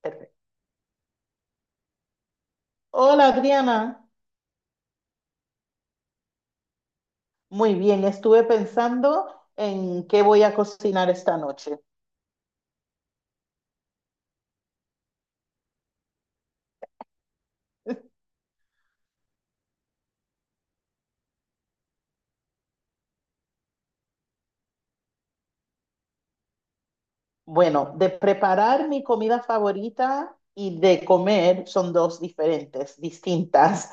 Perfecto. Hola Adriana, muy bien, estuve pensando en qué voy a cocinar esta noche. Bueno, de preparar mi comida favorita y de comer son dos diferentes, distintas.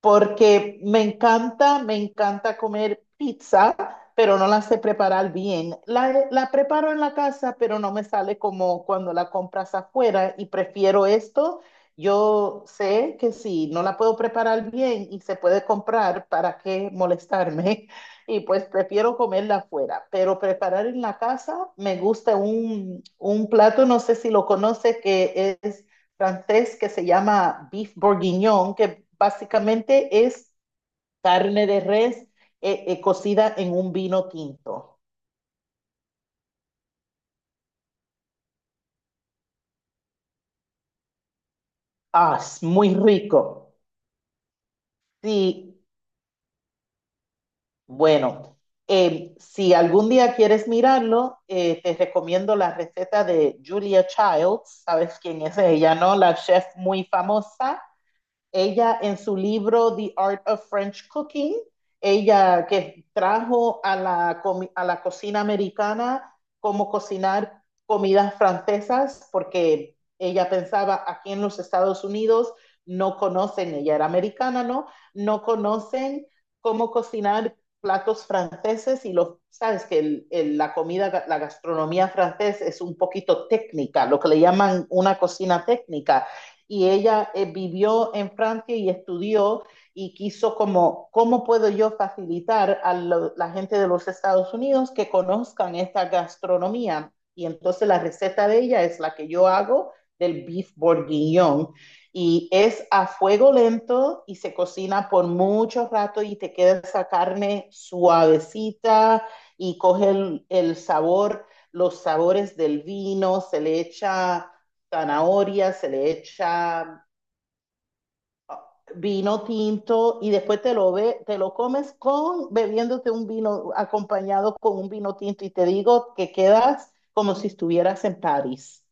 Porque me encanta comer pizza, pero no la sé preparar bien. La preparo en la casa, pero no me sale como cuando la compras afuera y prefiero esto. Yo sé que si no la puedo preparar bien y se puede comprar, ¿para qué molestarme? Y pues prefiero comerla afuera, pero preparar en la casa me gusta un plato, no sé si lo conoce, que es francés que se llama beef bourguignon, que básicamente es carne de res cocida en un vino tinto. Ah, es muy rico. Sí, bueno, si algún día quieres mirarlo, te recomiendo la receta de Julia Childs, ¿sabes quién es ella, no? La chef muy famosa. Ella en su libro The Art of French Cooking, ella que trajo a la cocina americana cómo cocinar comidas francesas, porque ella pensaba aquí en los Estados Unidos no conocen, ella era americana, ¿no? No conocen cómo cocinar platos franceses y los, sabes que la comida, la gastronomía francesa es un poquito técnica, lo que le llaman una cocina técnica. Y ella vivió en Francia y estudió y quiso como, ¿cómo puedo yo facilitar a lo, la gente de los Estados Unidos que conozcan esta gastronomía? Y entonces la receta de ella es la que yo hago del beef bourguignon, y es a fuego lento y se cocina por mucho rato y te queda esa carne suavecita y coge el sabor, los sabores del vino, se le echa zanahoria, se le echa vino tinto y después te lo ve, te lo comes con bebiéndote un vino acompañado con un vino tinto y te digo que quedas como si estuvieras en París.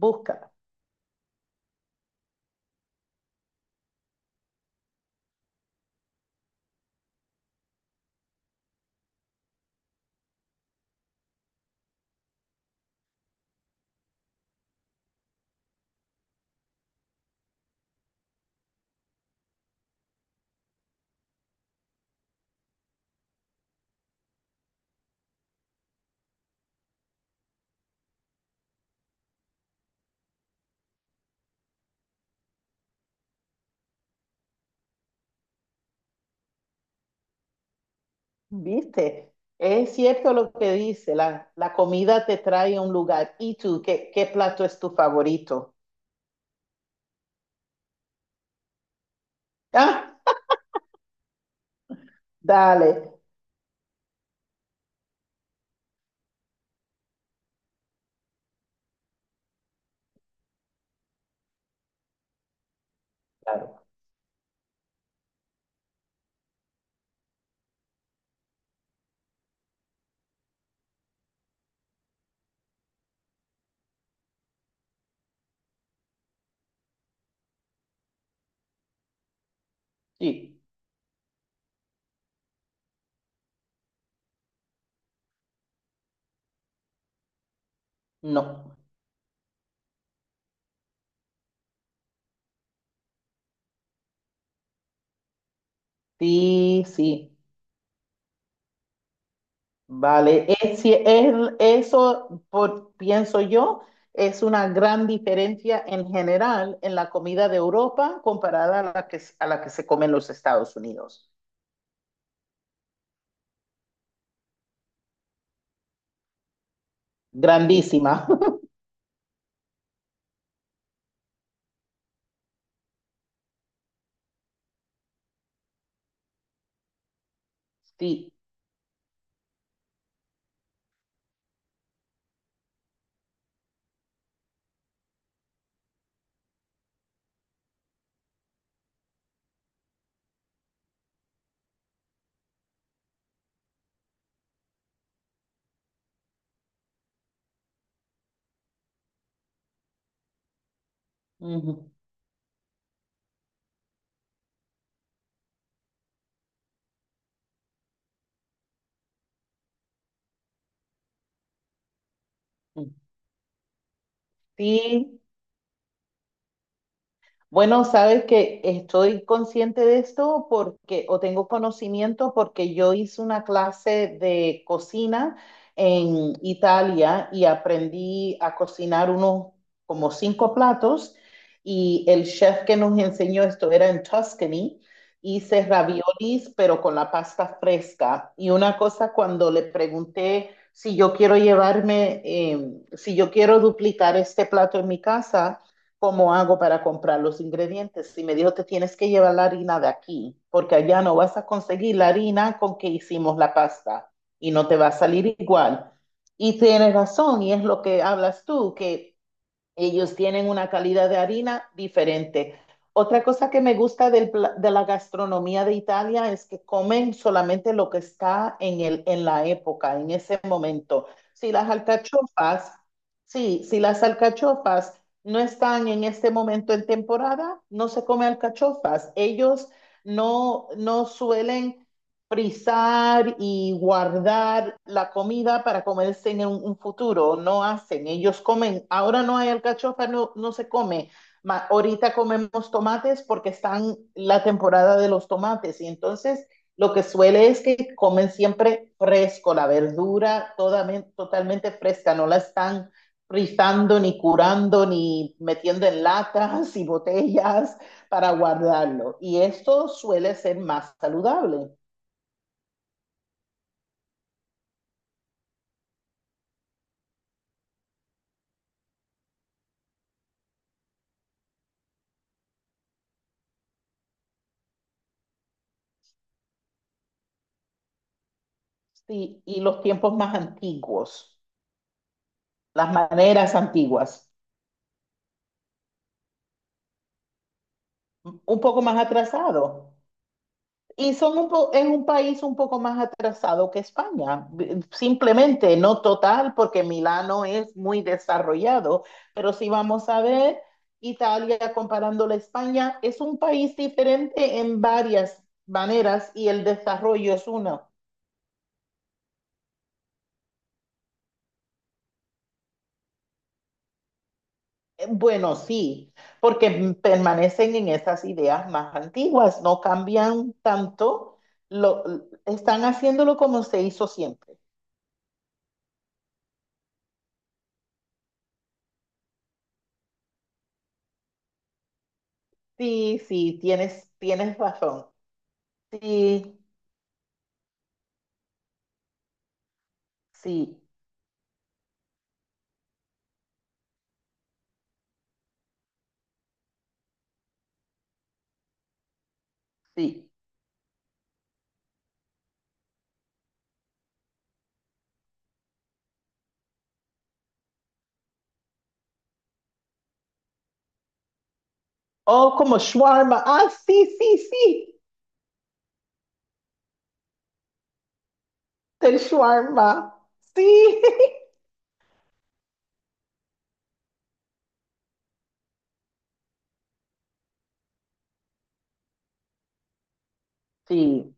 Busca, ¿viste? Es cierto lo que dice, la comida te trae a un lugar. ¿Y tú qué, qué plato es tu favorito? Ah, dale. Claro. Sí, no. Sí, sí. Vale, es, si es, eso por, pienso yo es una gran diferencia en general en la comida de Europa comparada a la que se come en los Estados Unidos. Grandísima. Sí. Ujú. Sí, bueno, sabes que estoy consciente de esto porque, o tengo conocimiento porque yo hice una clase de cocina en Italia y aprendí a cocinar unos como cinco platos, y el chef que nos enseñó esto era en Tuscany. Hice raviolis, pero con la pasta fresca. Y una cosa, cuando le pregunté si yo quiero llevarme, si yo quiero duplicar este plato en mi casa, ¿cómo hago para comprar los ingredientes? Y me dijo, te tienes que llevar la harina de aquí, porque allá no vas a conseguir la harina con que hicimos la pasta y no te va a salir igual. Y tienes razón, y es lo que hablas tú, que ellos tienen una calidad de harina diferente. Otra cosa que me gusta del de la gastronomía de Italia es que comen solamente lo que está en el, en la época, en ese momento. Si las alcachofas, sí, si las alcachofas no están en este momento en temporada, no se come alcachofas. Ellos no suelen frizar y guardar la comida para comerse en un futuro. No hacen, ellos comen. Ahora no hay alcachofa, no se come. Ahorita comemos tomates porque están la temporada de los tomates y entonces lo que suele es que comen siempre fresco, la verdura totalmente fresca, no la están frizando ni curando ni metiendo en latas y botellas para guardarlo. Y esto suele ser más saludable. Sí, y los tiempos más antiguos, las maneras antiguas, un poco más atrasado. Y son un es un país un poco más atrasado que España, simplemente no total, porque Milano es muy desarrollado, pero si vamos a ver Italia comparándola a España, es un país diferente en varias maneras y el desarrollo es uno. Bueno, sí, porque permanecen en esas ideas más antiguas, no cambian tanto, lo, están haciéndolo como se hizo siempre. Sí, sí, tienes razón. Sí, sí, sí. Oh, como shawarma. Ah, sí, sí, sí, del shawarma. Sí, sí.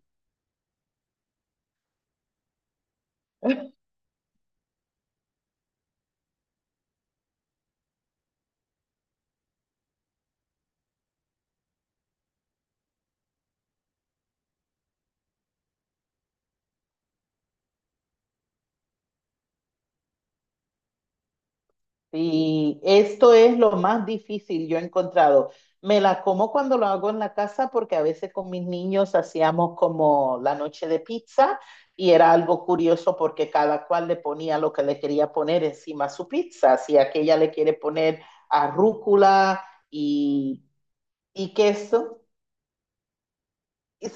Sí, esto es lo más difícil yo he encontrado. Me la como cuando lo hago en la casa porque a veces con mis niños hacíamos como la noche de pizza y era algo curioso porque cada cual le ponía lo que le quería poner encima a su pizza. Si aquella le quiere poner arrúcula y, y queso.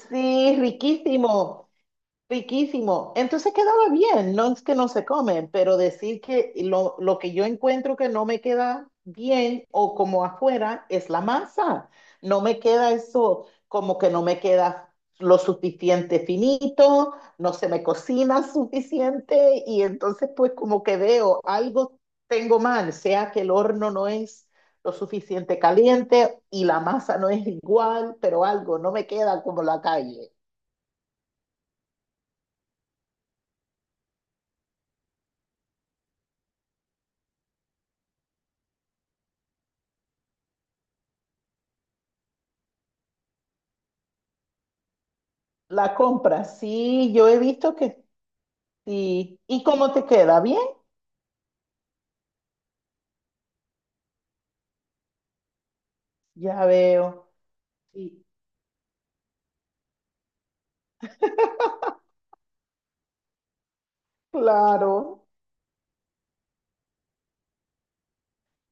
Sí, riquísimo. Riquísimo. Entonces quedaba bien, no es que no se comen, pero decir que lo que yo encuentro que no me queda bien o como afuera es la masa. No me queda eso, como que no me queda lo suficiente finito, no se me cocina suficiente y entonces pues como que veo algo tengo mal, sea que el horno no es lo suficiente caliente y la masa no es igual, pero algo no me queda como la calle. La compra, sí, yo he visto que sí. ¿Y cómo te queda? ¿Bien? Ya veo. Sí, claro,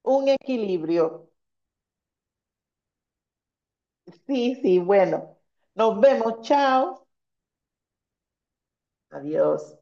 un equilibrio. Sí, sí, bueno. Nos vemos, chao. Adiós.